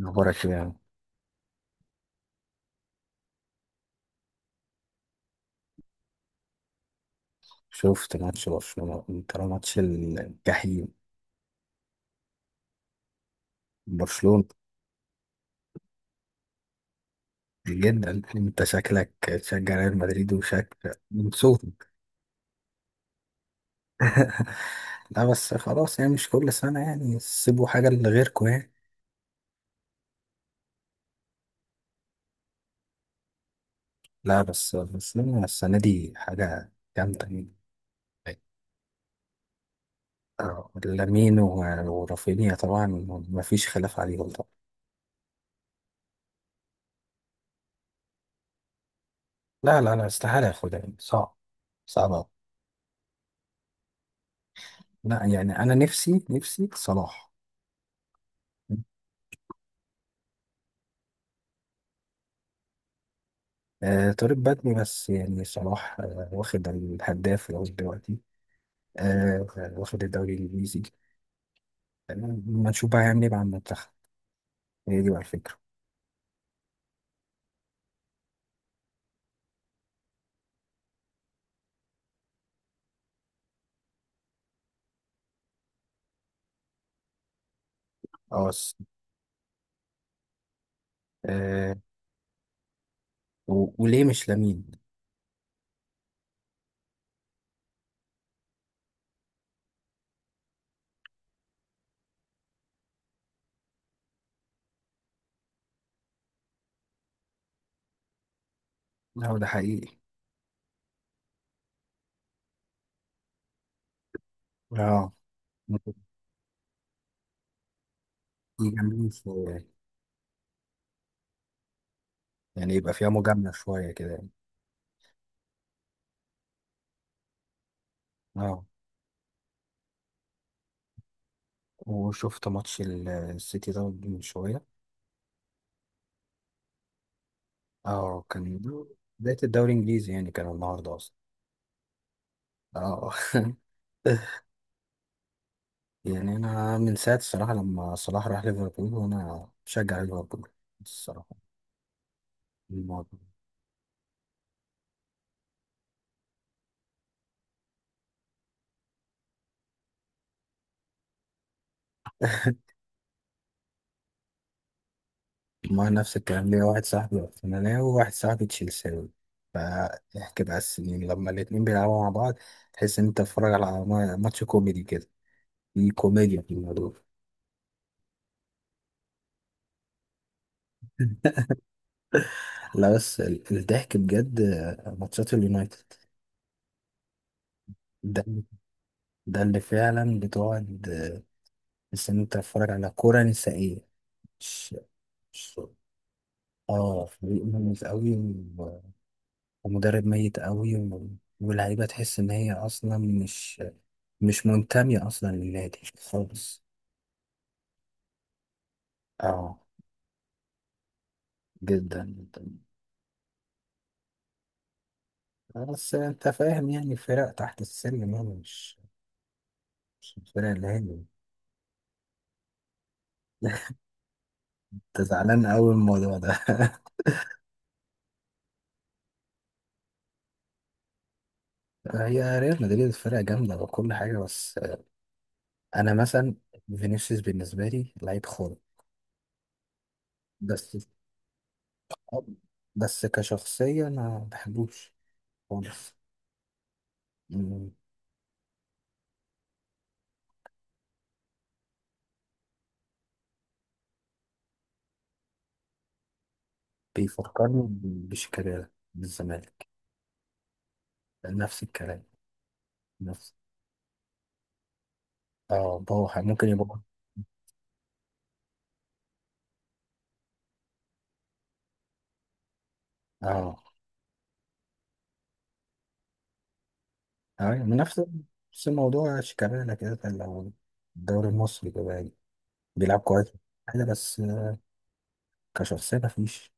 أخبارك إيه يعني؟ شفت ماتش برشلونة. أنت لو ماتش الجحيم برشلونة. جدا. أنت شكلك تشجع ريال مدريد وشكل من صوتك. لا بس خلاص يعني مش كل سنة يعني سيبوا حاجة لغيركم يعني. لا بس برشلونة السنة دي حاجة جامدة يعني. لامين ورافينيا طبعا. مفيش خلاف عليهم طبعا. لا لا لا، استحالة ياخدها يعني صعب. صعب أوي. لا يعني أنا نفسي صلاح. آه، طارق بدري، بس يعني صلاح واخد الهداف لغاية دلوقتي. آه، واخد الدوري الإنجليزي. آه، ما نشوف بقى هيعمل إيه مع المنتخب. هي دي بقى الفكرة. اه. آه، وليه مش لامين؟ لا ده حقيقي. اه، يجاملين في، يعني يبقى فيها مجاملة شوية كده يعني. اه، وشفت ماتش السيتي ده من شوية. اه كان بداية الدوري الإنجليزي يعني، كان النهاردة أصلا. اه. يعني انا من ساعه الصراحه لما صلاح راح ليفربول وانا بشجع ليفربول الصراحه. الموضوع ما نفس الكلام، ليا واحد صاحبي ارسنالي وواحد صاحبي تشيلساوي، فاحكي بقى السنين لما الاتنين بيلعبوا مع بعض. تحس ان انت بتتفرج على ماتش كوميدي كده، في كوميديا في الموضوع. لا بس الضحك بجد ماتشات اليونايتد. ده ده اللي فعلا بتقعد، تحس ان انت بتتفرج على كرة نسائية. مش مش- اه، فريق مميز قوي، ومدرب ميت قوي، واللعيبة تحس إن هي أصلا مش منتمية أصلا للنادي خالص. اه، جدا جدا. بس انت فاهم يعني فرق تحت السلم يعني مش الفرق اللي هي. انت زعلان قوي من الموضوع ده. هي ريال مدريد فرقة جامدة وكل حاجة، بس أنا مثلا فينيسيوس بالنسبة لي لعيب خالص، بس بس كشخصية ما بحبوش خالص. بيفكرني بشيكابالا من الزمالك، نفس الكلام. نفس اه بوح ممكن يبقى. اه ايوه، من نفس الموضوع شيكابالا كده، كان لو الدوري المصري كده يعني بيلعب كويس حاجة، بس كشخصية مفيش.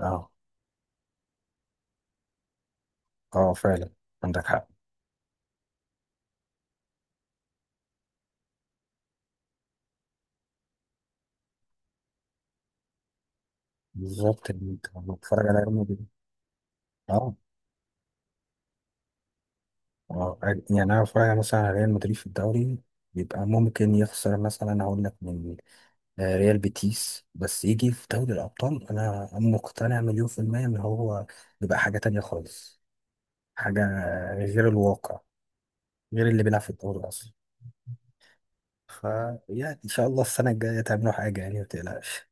اه اه، فعلا عندك حق. بالظبط، يعني انت لما بتتفرج على ريال مدريد. اه اه، يعني انا بتفرج مثلا على ريال مدريد في الدوري بيبقى ممكن يخسر مثلا، هقول لك من ريال بيتيس، بس يجي في دوري الأبطال أنا مقتنع مليون في المية إن هو بيبقى حاجة تانية خالص، حاجة غير الواقع، غير اللي بيلعب في الدوري أصلا. فيعني إن شاء الله السنة الجاية تعملوا حاجة يعني متقلقش.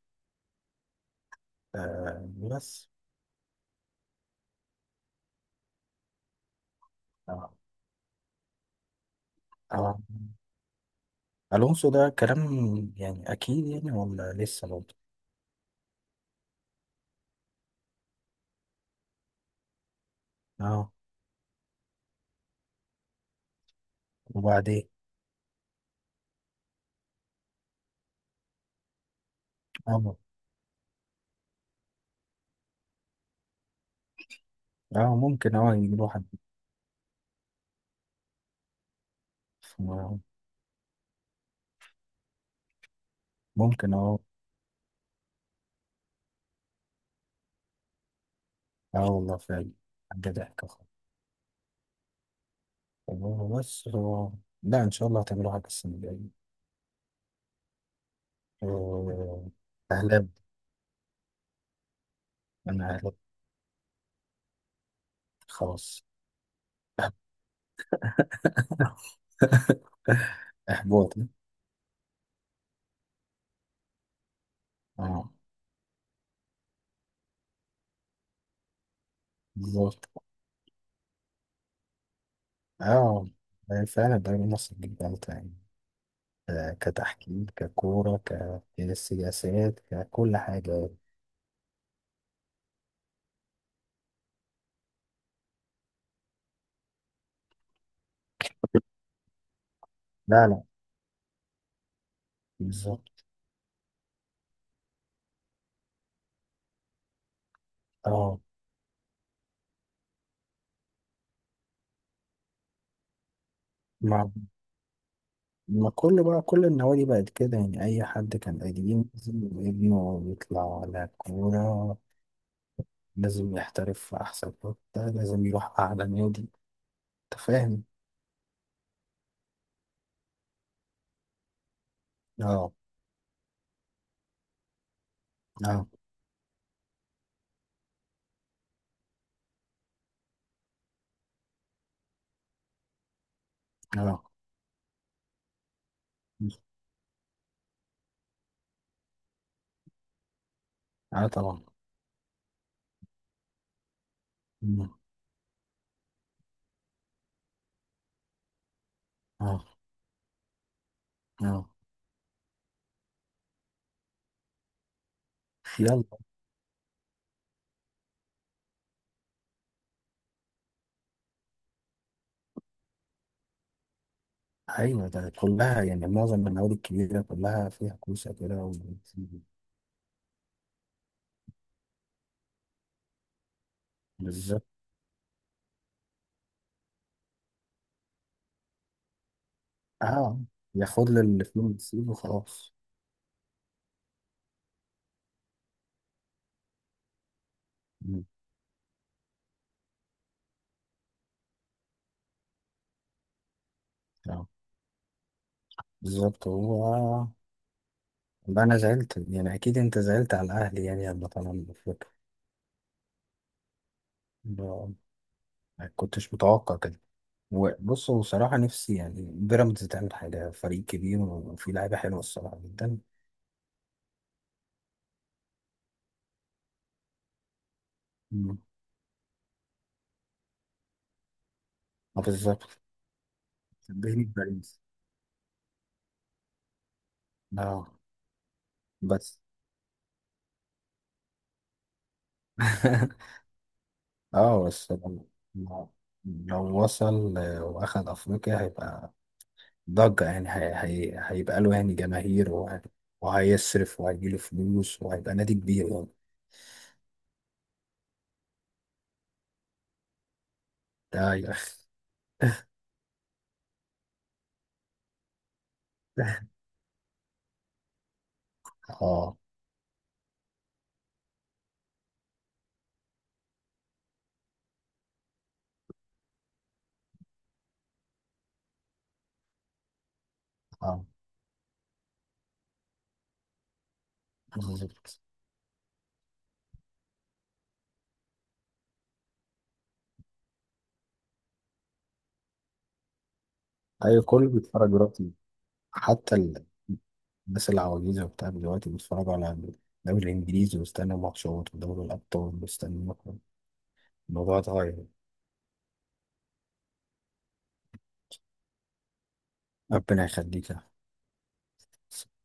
آه بس. آه. آه. ألونسو ده كلام يعني؟ أكيد يعني، ولا لسه برضه؟ أه وبعدين. أه أه ممكن يجيبوا حد. آه، ممكن. أه أه والله فعلا، حاجة ضحكة. والله بس هو، لا إن شاء الله هتعملوا حاجة السنة الجاية. آه، أهلاب. أنا أهلاب، خلاص. إحباط. أه بالظبط. أه فعلا الدوري المصري جدا يعني، كتحكيم، ككورة، كسياسات، ككل حاجة. لا لا، بالظبط. أه، ما ما كل بقى كل النوادي بقت كده يعني، أي حد كان قديم لازم ابنه يطلع على كورة، لازم يحترف في أحسن حتة، لازم يروح أعلى نادي. أنت فاهم؟ آه. آه. آه. آه طبعا. مم. آه. آه. يلا. أيوة، ده كلها يعني معظم النوادي الكبيرة كلها فيها كوسة كده بالظبط. آه، ياخد له اللي فيه ويسيبه خلاص. مم. آه بالظبط هو. ده أنا زعلت، يعني أكيد أنت زعلت على الأهلي يعني لما طلع من أفريقيا. ما ما كنتش متوقع كده. هو بص، هو صراحة نفسي يعني بيراميدز تعمل حاجة، فريق كبير وفيه لعيبة حلوة الصراحة جدا. مم. اه بالظبط، بيني بيراميدز. اه بس. اه بس لو وصل واخد افريقيا هيبقى ضجة يعني، هي هيبقى له يعني جماهير، وهيصرف وهيجيله فلوس وهيبقى نادي كبير يعني. ده ي- اه اه، بالظبط. ايوه كله بيتفرج دلوقتي، حتى الناس العواجيزة وبتاع دلوقتي بيتفرجوا على الدوري الإنجليزي ويستنوا ماتشات ودوري الأبطال ويستنوا. الموضوع اتغير. ربنا يخليك يا أحمد.